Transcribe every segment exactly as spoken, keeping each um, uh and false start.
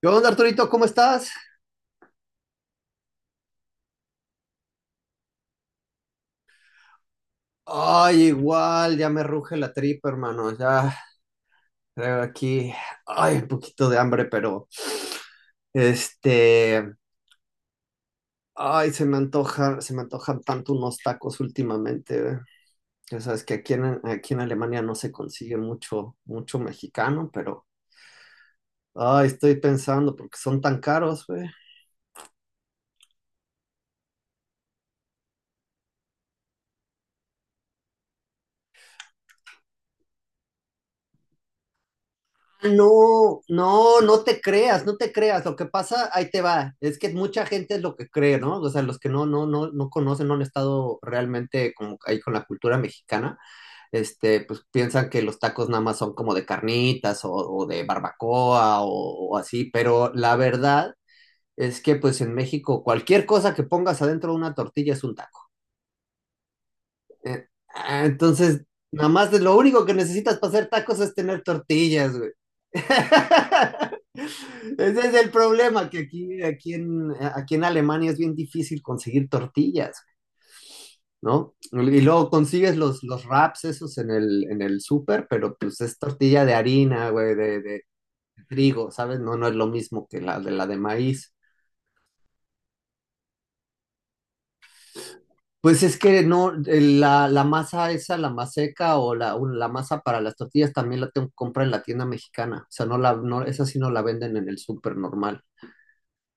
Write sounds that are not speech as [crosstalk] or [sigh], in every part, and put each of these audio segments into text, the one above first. ¿Qué onda, Arturito? ¿Cómo estás? Ay, igual, ya me ruge la tripa, hermano. Ya traigo aquí, ay, un poquito de hambre, pero este, ay, se me antoja, se me antojan tanto unos tacos últimamente. eh. Ya sabes que aquí en, aquí en Alemania no se consigue mucho, mucho mexicano, pero ay, estoy pensando porque son tan caros, güey. Ah, no, no, no te creas, no te creas. Lo que pasa, ahí te va, es que mucha gente es lo que cree, ¿no? O sea, los que no, no, no, no conocen, no han estado realmente como ahí con la cultura mexicana, este, pues piensan que los tacos nada más son como de carnitas o, o de barbacoa o, o así, pero la verdad es que pues en México cualquier cosa que pongas adentro de una tortilla es un taco. Eh, ah, entonces, nada más de lo único que necesitas para hacer tacos es tener tortillas, güey. [laughs] Ese es el problema, que aquí, aquí en, aquí en Alemania es bien difícil conseguir tortillas, ¿no? Y luego consigues los, los wraps esos en el, en el súper, pero pues es tortilla de harina, güey, de, de trigo, ¿sabes? No, no es lo mismo que la de la de maíz. Pues es que no, eh, la, la masa esa, la maseca o la, o la masa para las tortillas también la tengo que comprar en la tienda mexicana. O sea, no la, no, esa sí no la venden en el súper normal.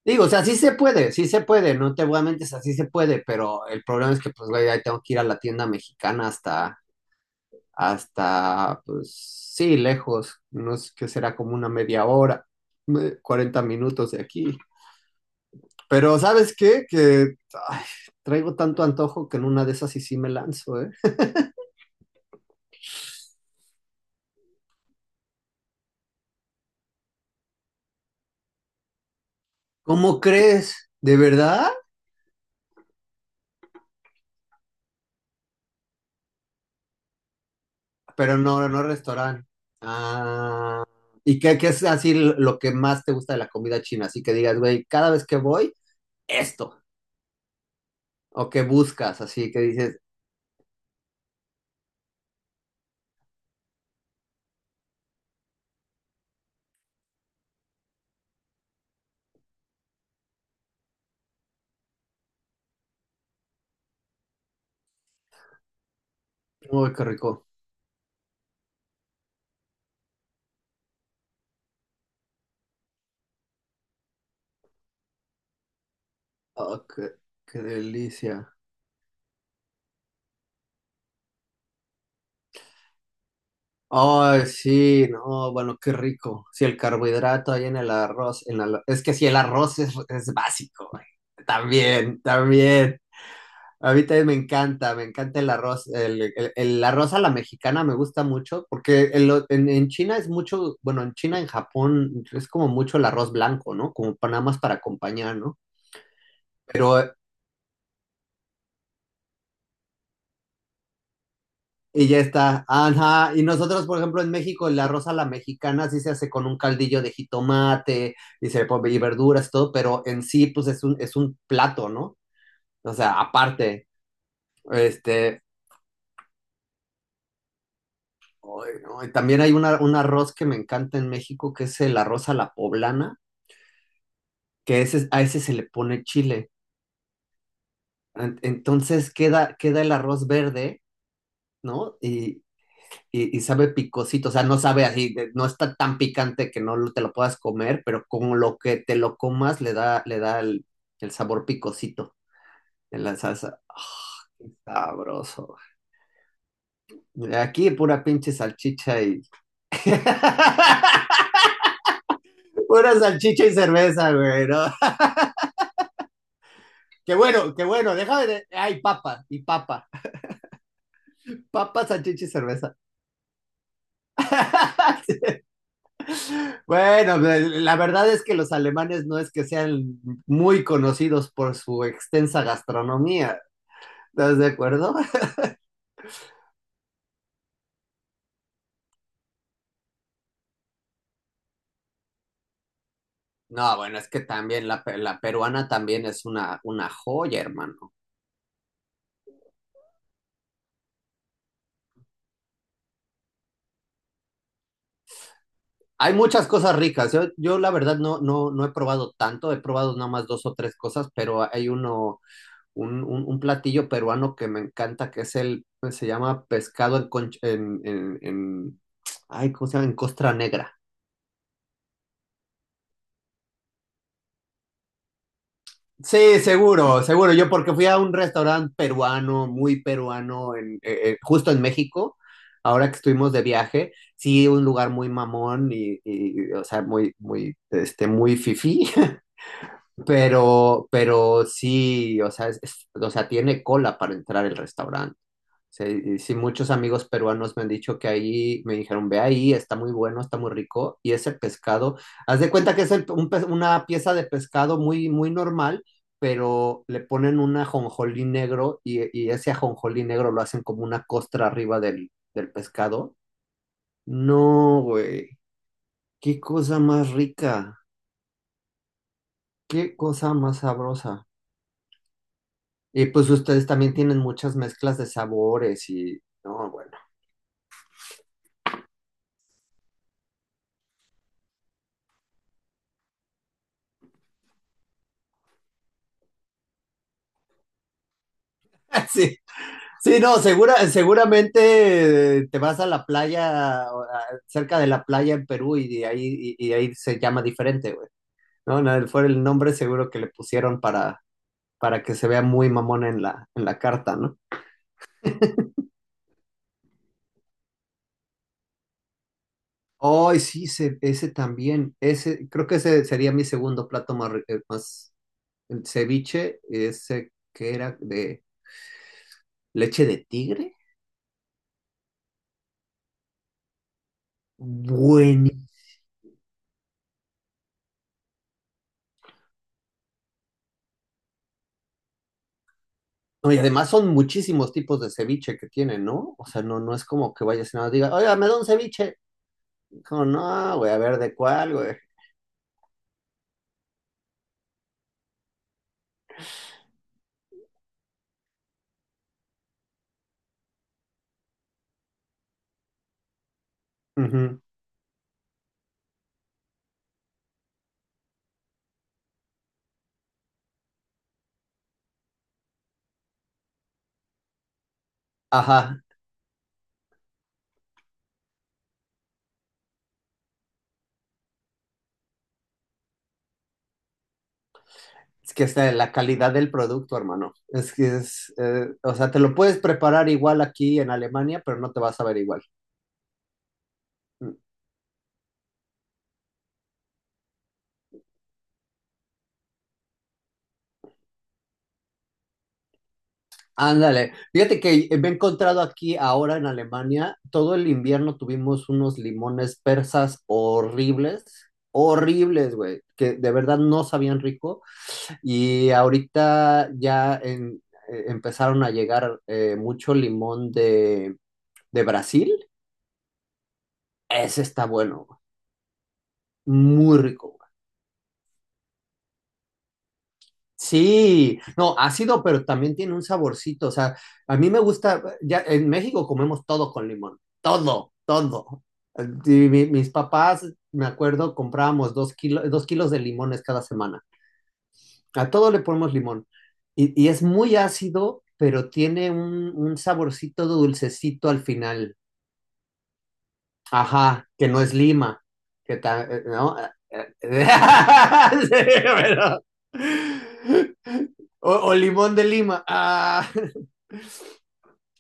Digo, o sea, sí se puede, sí se puede, no te voy a mentir, o sea, sí se puede, pero el problema es que pues güey, ahí tengo que ir a la tienda mexicana hasta, hasta, pues sí, lejos, no sé qué será como una media hora, eh, cuarenta minutos de aquí. Pero ¿sabes qué? Que ay, traigo tanto antojo que en una de esas sí, sí me lanzo, ¿eh? ¿Cómo crees? ¿De verdad? Pero no, no restaurante. Ah, ¿y qué, qué es así lo que más te gusta de la comida china? Así que digas, güey, cada vez que voy, esto. O que buscas, así que dices, uy, qué rico. Oh, qué, qué delicia. Ay, sí, no, bueno, qué rico. Si el carbohidrato ahí en el arroz, en la- es que si el arroz es, es básico, güey. También, también. A mí también me encanta, me encanta el arroz, el, el- el arroz a la mexicana me gusta mucho, porque en, lo- en- en China es mucho, bueno, en China, en Japón, es como mucho el arroz blanco, ¿no? Como pa- nada más para acompañar, ¿no? Pero, eh, y ya está, ajá, y nosotros, por ejemplo, en México, el arroz a la mexicana sí se hace con un caldillo de jitomate y, se, le pone- y verduras, todo, pero en sí, pues es un, es un plato, ¿no? O sea, aparte. Este, Ay, no, y también hay una- un arroz que me encanta en México, que es el arroz a la poblana, que ese, a ese se le pone chile. En- entonces queda, queda el arroz verde, ¿no? Y, y- y sabe picosito, o sea, no sabe así, de- no está tan picante que no lo- te lo puedas comer, pero como lo que te lo comas le da, le da el, el sabor picosito en la salsa. ¡Ah, qué sabroso! Aquí pura pinche salchicha y... [laughs] Pura salchicha y cerveza, güey, ¿no? Qué bueno, qué bueno, déjame de... Ay, papa, y papa, papa, salchicha y cerveza. [laughs] Sí. Bueno, la verdad es que los alemanes no es que sean muy conocidos por su extensa gastronomía, ¿estás de acuerdo? No, bueno, es que también la, pe- la peruana también es una, una joya, hermano. Hay muchas cosas ricas. Yo, yo la verdad no, no, no he probado tanto, he probado nada más dos o tres cosas, pero hay uno, un, un- un platillo peruano que me encanta, que es el, se llama pescado en, conch- en, en, en- ay, ¿cómo se llama? En costra negra. Sí, seguro, seguro. Yo porque fui a un restaurante peruano, muy peruano, en, eh, eh, justo en México, ahora que estuvimos de viaje, sí, un lugar muy mamón y, y, o sea, muy, muy, este, muy fifí, [laughs] pero, pero sí, o sea, es- es- o sea, tiene cola para entrar el restaurante. Sí, y sí, muchos amigos peruanos me han dicho que ahí, me dijeron, ve ahí, está muy bueno, está muy rico. Y ese pescado, haz de cuenta que es el- un pez- una pieza de pescado muy, muy normal, pero le ponen un ajonjolí negro y, y ese ajonjolí negro lo hacen como una costra arriba del, del pescado. No, güey, qué cosa más rica, qué cosa más sabrosa. Y pues ustedes también tienen muchas mezclas de sabores y, no, bueno. [laughs] Sí, sí, no, segura, seguramente eh, te vas a la playa, o a- cerca de la playa en Perú y de ahí, y, y ahí se llama diferente, güey. No, no, fue el nombre seguro que le pusieron para, para que se vea muy mamón en la, en la carta, ¿no? Ay, sí, se- ese también, ese, creo que ese sería mi segundo plato más, ri- eh, más el ceviche, ese que era de leche de tigre. No, y además son muchísimos tipos de ceviche que tienen, ¿no? O sea, no, no es como que vayas y nada más diga, oiga, me da un ceviche. Como, no, güey, a ver de cuál, güey. Ujú. Ajá, es que está la calidad del producto, hermano. Es que es, eh, o sea, te lo puedes preparar igual aquí en Alemania, pero no te vas a ver igual. Ándale, fíjate que eh, me he encontrado aquí ahora en Alemania, todo el invierno tuvimos unos limones persas horribles, horribles, güey, que de verdad no sabían rico. Y ahorita ya en- eh, empezaron a llegar eh, mucho limón de, de Brasil. Ese está bueno, güey. Muy rico, güey. Sí, no, ácido, pero también tiene un saborcito. O sea, a mí me gusta, ya en México comemos todo con limón, todo, todo. Y mi- mis papás, me acuerdo, comprábamos dos kilos, dos kilos de limones cada semana. A todo le ponemos limón. Y, y es muy ácido, pero tiene un, un saborcito dulcecito al final. Ajá, que no es lima, que ta- eh, ¿no? Eh, eh, [laughs] Sí, pero- O, o limón de Lima. Ah,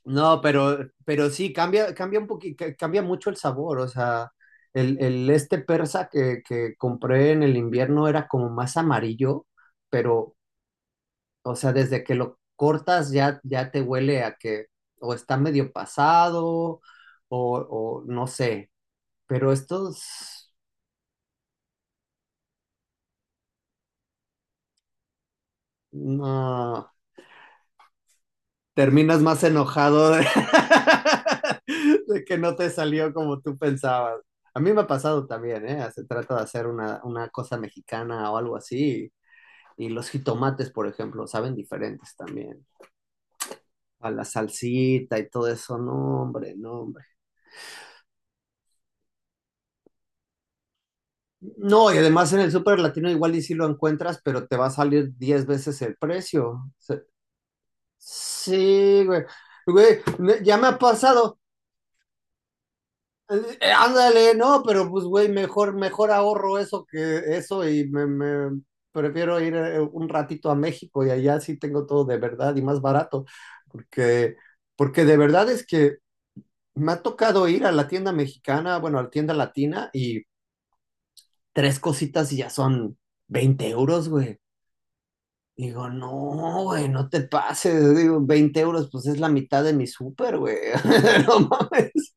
no, pero, pero sí, cambia, cambia un poquito, cambia mucho el sabor. O sea, el, el este persa que, que compré en el invierno era como más amarillo, pero, o sea, desde que lo cortas ya, ya te huele a que o está medio pasado o, o no sé, pero estos no, terminas más enojado de, [laughs] de que no te salió como tú pensabas. A mí me ha pasado también, ¿eh? Se trata de hacer una, una cosa mexicana o algo así. Y los jitomates, por ejemplo, saben diferentes también. A la salsita y todo eso, no, hombre, no. No, y además en el super latino igual y sí lo encuentras, pero te va a salir diez veces el precio. O sea, sí, güey. Güey, me- ya me ha pasado. Eh, ándale, no, pero pues, güey, mejor, mejor ahorro eso que eso y me, me- prefiero ir eh, un ratito a México y allá sí tengo todo de verdad y más barato. Porque, porque de verdad es que me ha tocado ir a la tienda mexicana, bueno, a la tienda latina y tres cositas y ya son veinte euros, güey. Digo, no, güey, no te pases. Digo, veinte euros, pues es la mitad de mi súper, güey. [laughs] No mames.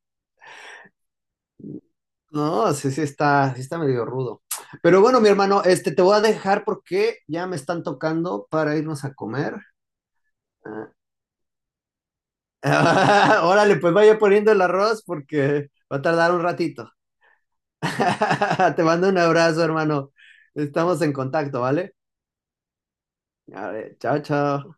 No, sí, sí está, sí está medio rudo. Pero bueno, mi hermano, este, te voy a dejar porque ya me están tocando para irnos a comer. Ah, [laughs] órale, pues vaya poniendo el arroz porque va a tardar un ratito. [laughs] Te mando un abrazo, hermano. Estamos en contacto, ¿vale? Vale, chao, chao.